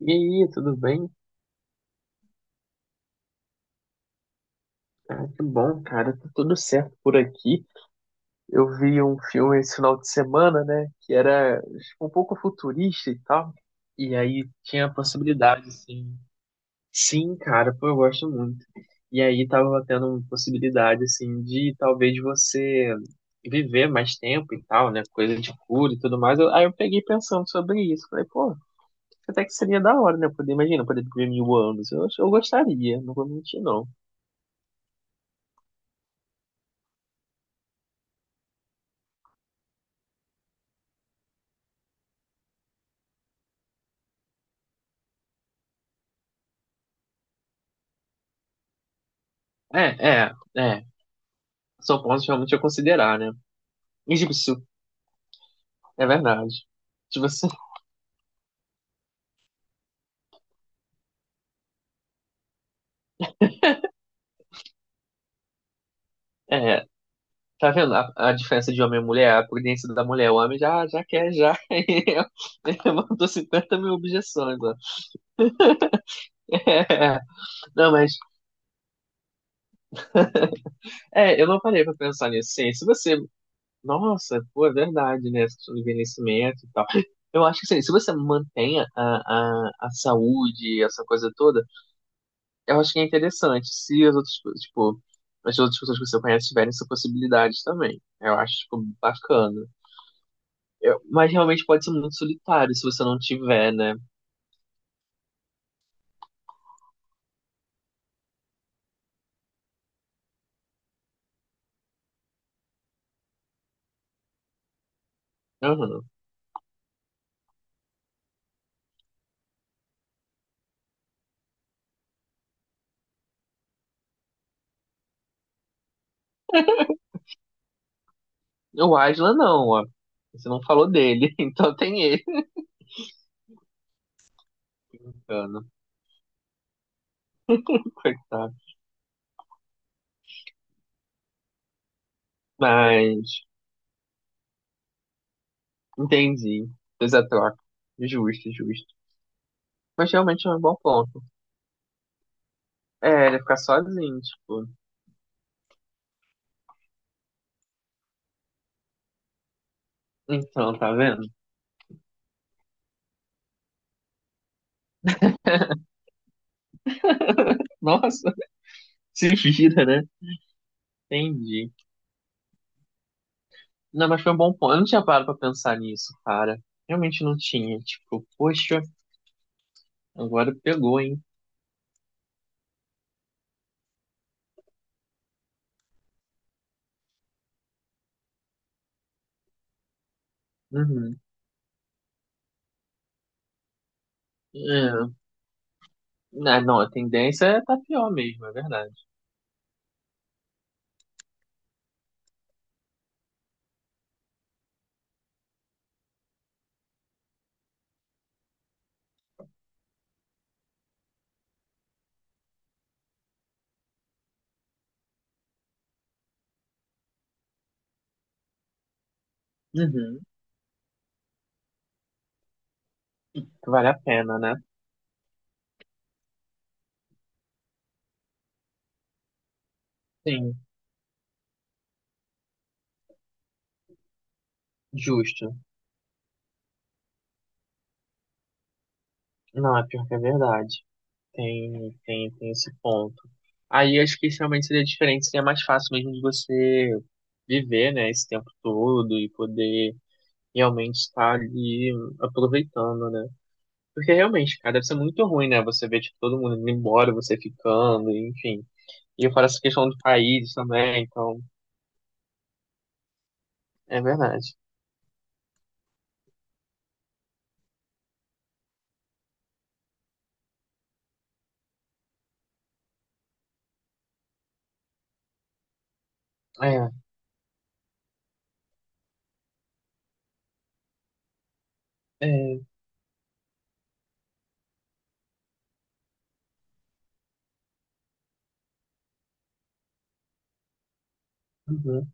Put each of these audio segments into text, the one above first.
E aí, tudo bem? Ah, que bom, cara. Tá tudo certo por aqui. Eu vi um filme esse final de semana, né? Que era tipo, um pouco futurista e tal. E aí tinha a possibilidade, assim. Sim, cara, pô, eu gosto muito. E aí tava tendo uma possibilidade, assim, de talvez você viver mais tempo e tal, né? Coisa de cura e tudo mais. Aí eu peguei pensando sobre isso. Falei, pô, até que seria da hora, né? Poder, imagina, poder viver 1.000 anos. Eu gostaria, não vou mentir, não. É, é, é. São pontos realmente a considerar, né? E digo, isso é verdade. Tipo assim, é, tá vendo a diferença de homem e mulher? A prudência da mulher. O homem já, já quer, já. Ele levantou 50 mil objeções, ó. É, não, mas, eu não parei pra pensar nisso. Sim, se você. Nossa, pô, é verdade, né? Essa questão do envelhecimento e tal. Eu acho que assim, se você mantém a saúde, essa coisa toda. Eu acho que é interessante se as outras pessoas que você conhece tiverem essa possibilidade também. Eu acho, tipo, bacana. Mas realmente pode ser muito solitário se você não tiver, né? Uhum. O Aslan não, ó. Você não falou dele, então tem ele. Bacana, coitado. Mas, entendi. Fez a troca. Justo, justo. Mas realmente é um bom ponto. É, ele ficar sozinho, tipo. Então, tá vendo? Nossa, se vira, né? Entendi. Não, mas foi um bom ponto. Eu não tinha parado pra pensar nisso, cara. Realmente não tinha. Tipo, poxa, agora pegou, hein? Uhum. É. Ah, não, a tendência é tá pior mesmo, é verdade. Uhum. Vale a pena, né? Sim, justo. Não, é pior que é verdade. Tem esse ponto. Aí acho que realmente seria diferente, seria mais fácil mesmo de você viver, né, esse tempo todo e poder realmente estar ali aproveitando, né? Porque realmente, cara, deve ser muito ruim, né? Você ver, tipo, todo mundo indo embora, você ficando, enfim. E eu falo essa questão do país também, então, é verdade. É, é, uhum.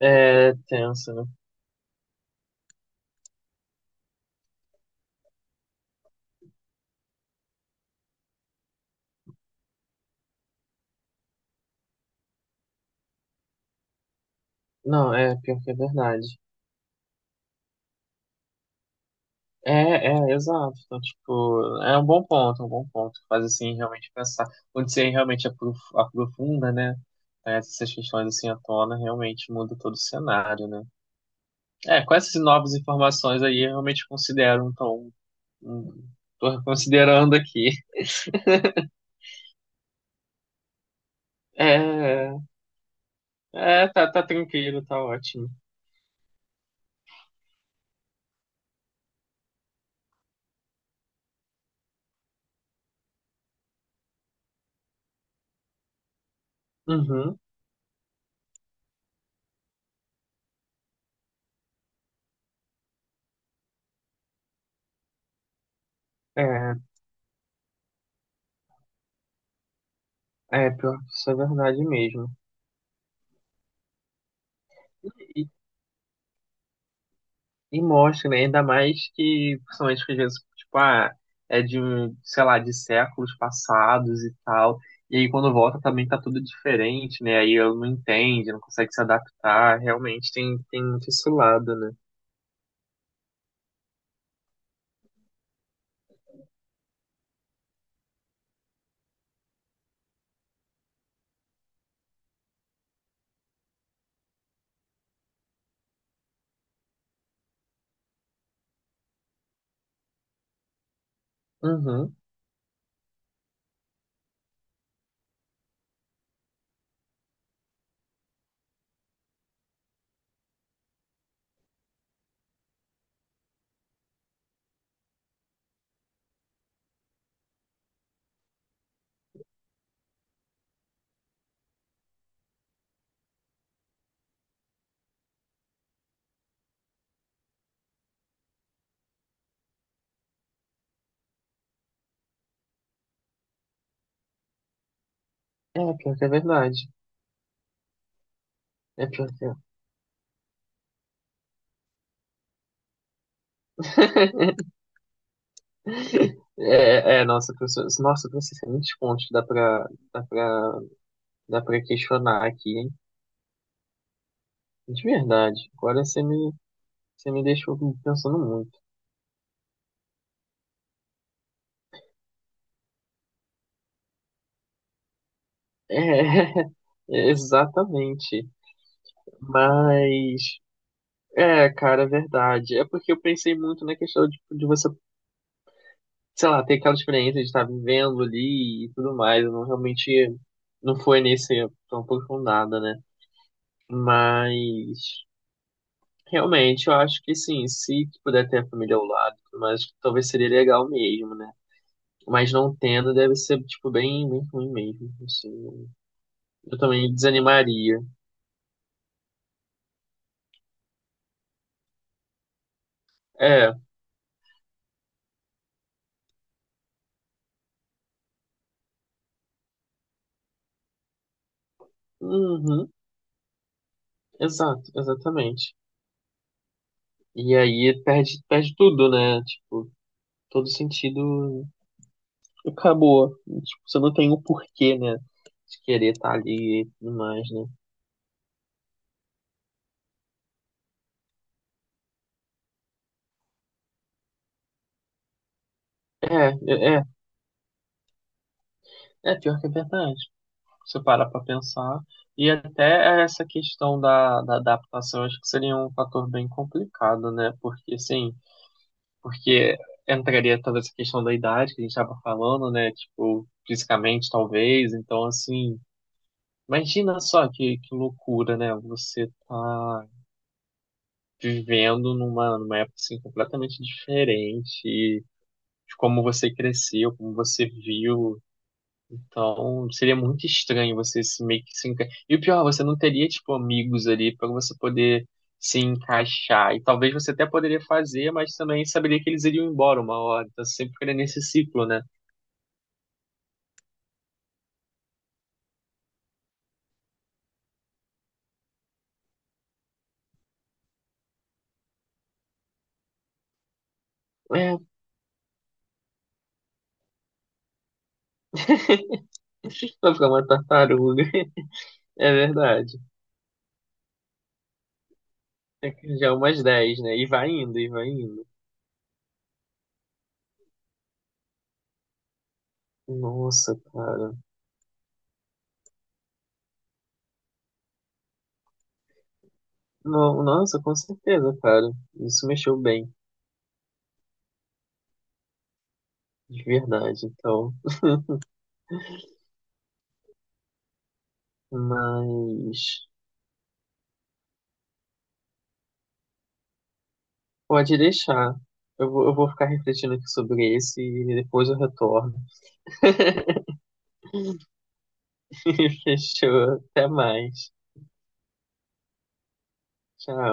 É tenso, né? Não, é pior que é verdade. É, é, exato. Então, tipo, é um bom ponto, é um bom ponto. Faz, assim, realmente pensar. Onde você realmente aprofunda, né? Essas questões, assim, à tona, realmente muda todo o cenário, né? É, com essas novas informações aí, eu realmente considero, então, Hum, tô considerando aqui. É, é tá, tá tranquilo, tá ótimo. Uhum. É, é, pior que isso é verdade mesmo. E, e mostra, né? Ainda mais que, principalmente que às vezes, tipo, ah, é de, um, sei lá, de séculos passados e tal. E aí quando volta também tá tudo diferente, né? Aí eu não entende, não consegue se adaptar. Realmente tem, tem muito esse lado, né? Uhum. É, pior que é verdade. É pior que é. É, é, nossa, professor, tem muitos pontos que dá pra, dá pra questionar aqui, hein? De verdade. Agora você me deixou pensando muito. É, é, exatamente. Mas, é, cara, é verdade. É porque eu pensei muito na questão de você, sei lá, ter aquela experiência de estar vivendo ali e tudo mais. Eu não realmente, não foi nesse tão aprofundada, né? Mas, realmente, eu acho que sim, se puder ter a família ao lado, mas talvez seria legal mesmo, né? Mas não tendo, deve ser, tipo, bem, bem ruim mesmo, assim. Eu também desanimaria. É, uhum, exato, exatamente. E aí perde, perde tudo, né? Tipo, todo sentido acabou. Tipo, você não tem o porquê, né? De querer estar ali e tudo mais, né? É, é, é, é pior que é verdade. Você para para pensar. E até essa questão da adaptação, acho que seria um fator bem complicado, né? Porque, assim, porque entraria toda essa questão da idade que a gente estava falando, né? Tipo, fisicamente, talvez. Então, assim, imagina só que loucura, né? Você tá vivendo numa época, assim, completamente diferente de como você cresceu, como você viu. Então, seria muito estranho você se meio que se enca... E o pior, você não teria, tipo, amigos ali para você poder se encaixar. E talvez você até poderia fazer, mas também saberia que eles iriam embora uma hora. Então, você sempre ficaria nesse ciclo, né? É, vai ficar uma tartaruga. É verdade. É que já é umas 10, né? E vai indo, e vai indo. Nossa, cara. Nossa, com certeza, cara. Isso mexeu bem, de verdade. Então, mas. Pode deixar. Eu vou ficar refletindo aqui sobre esse e depois eu retorno. Fechou. Até mais. Tchau.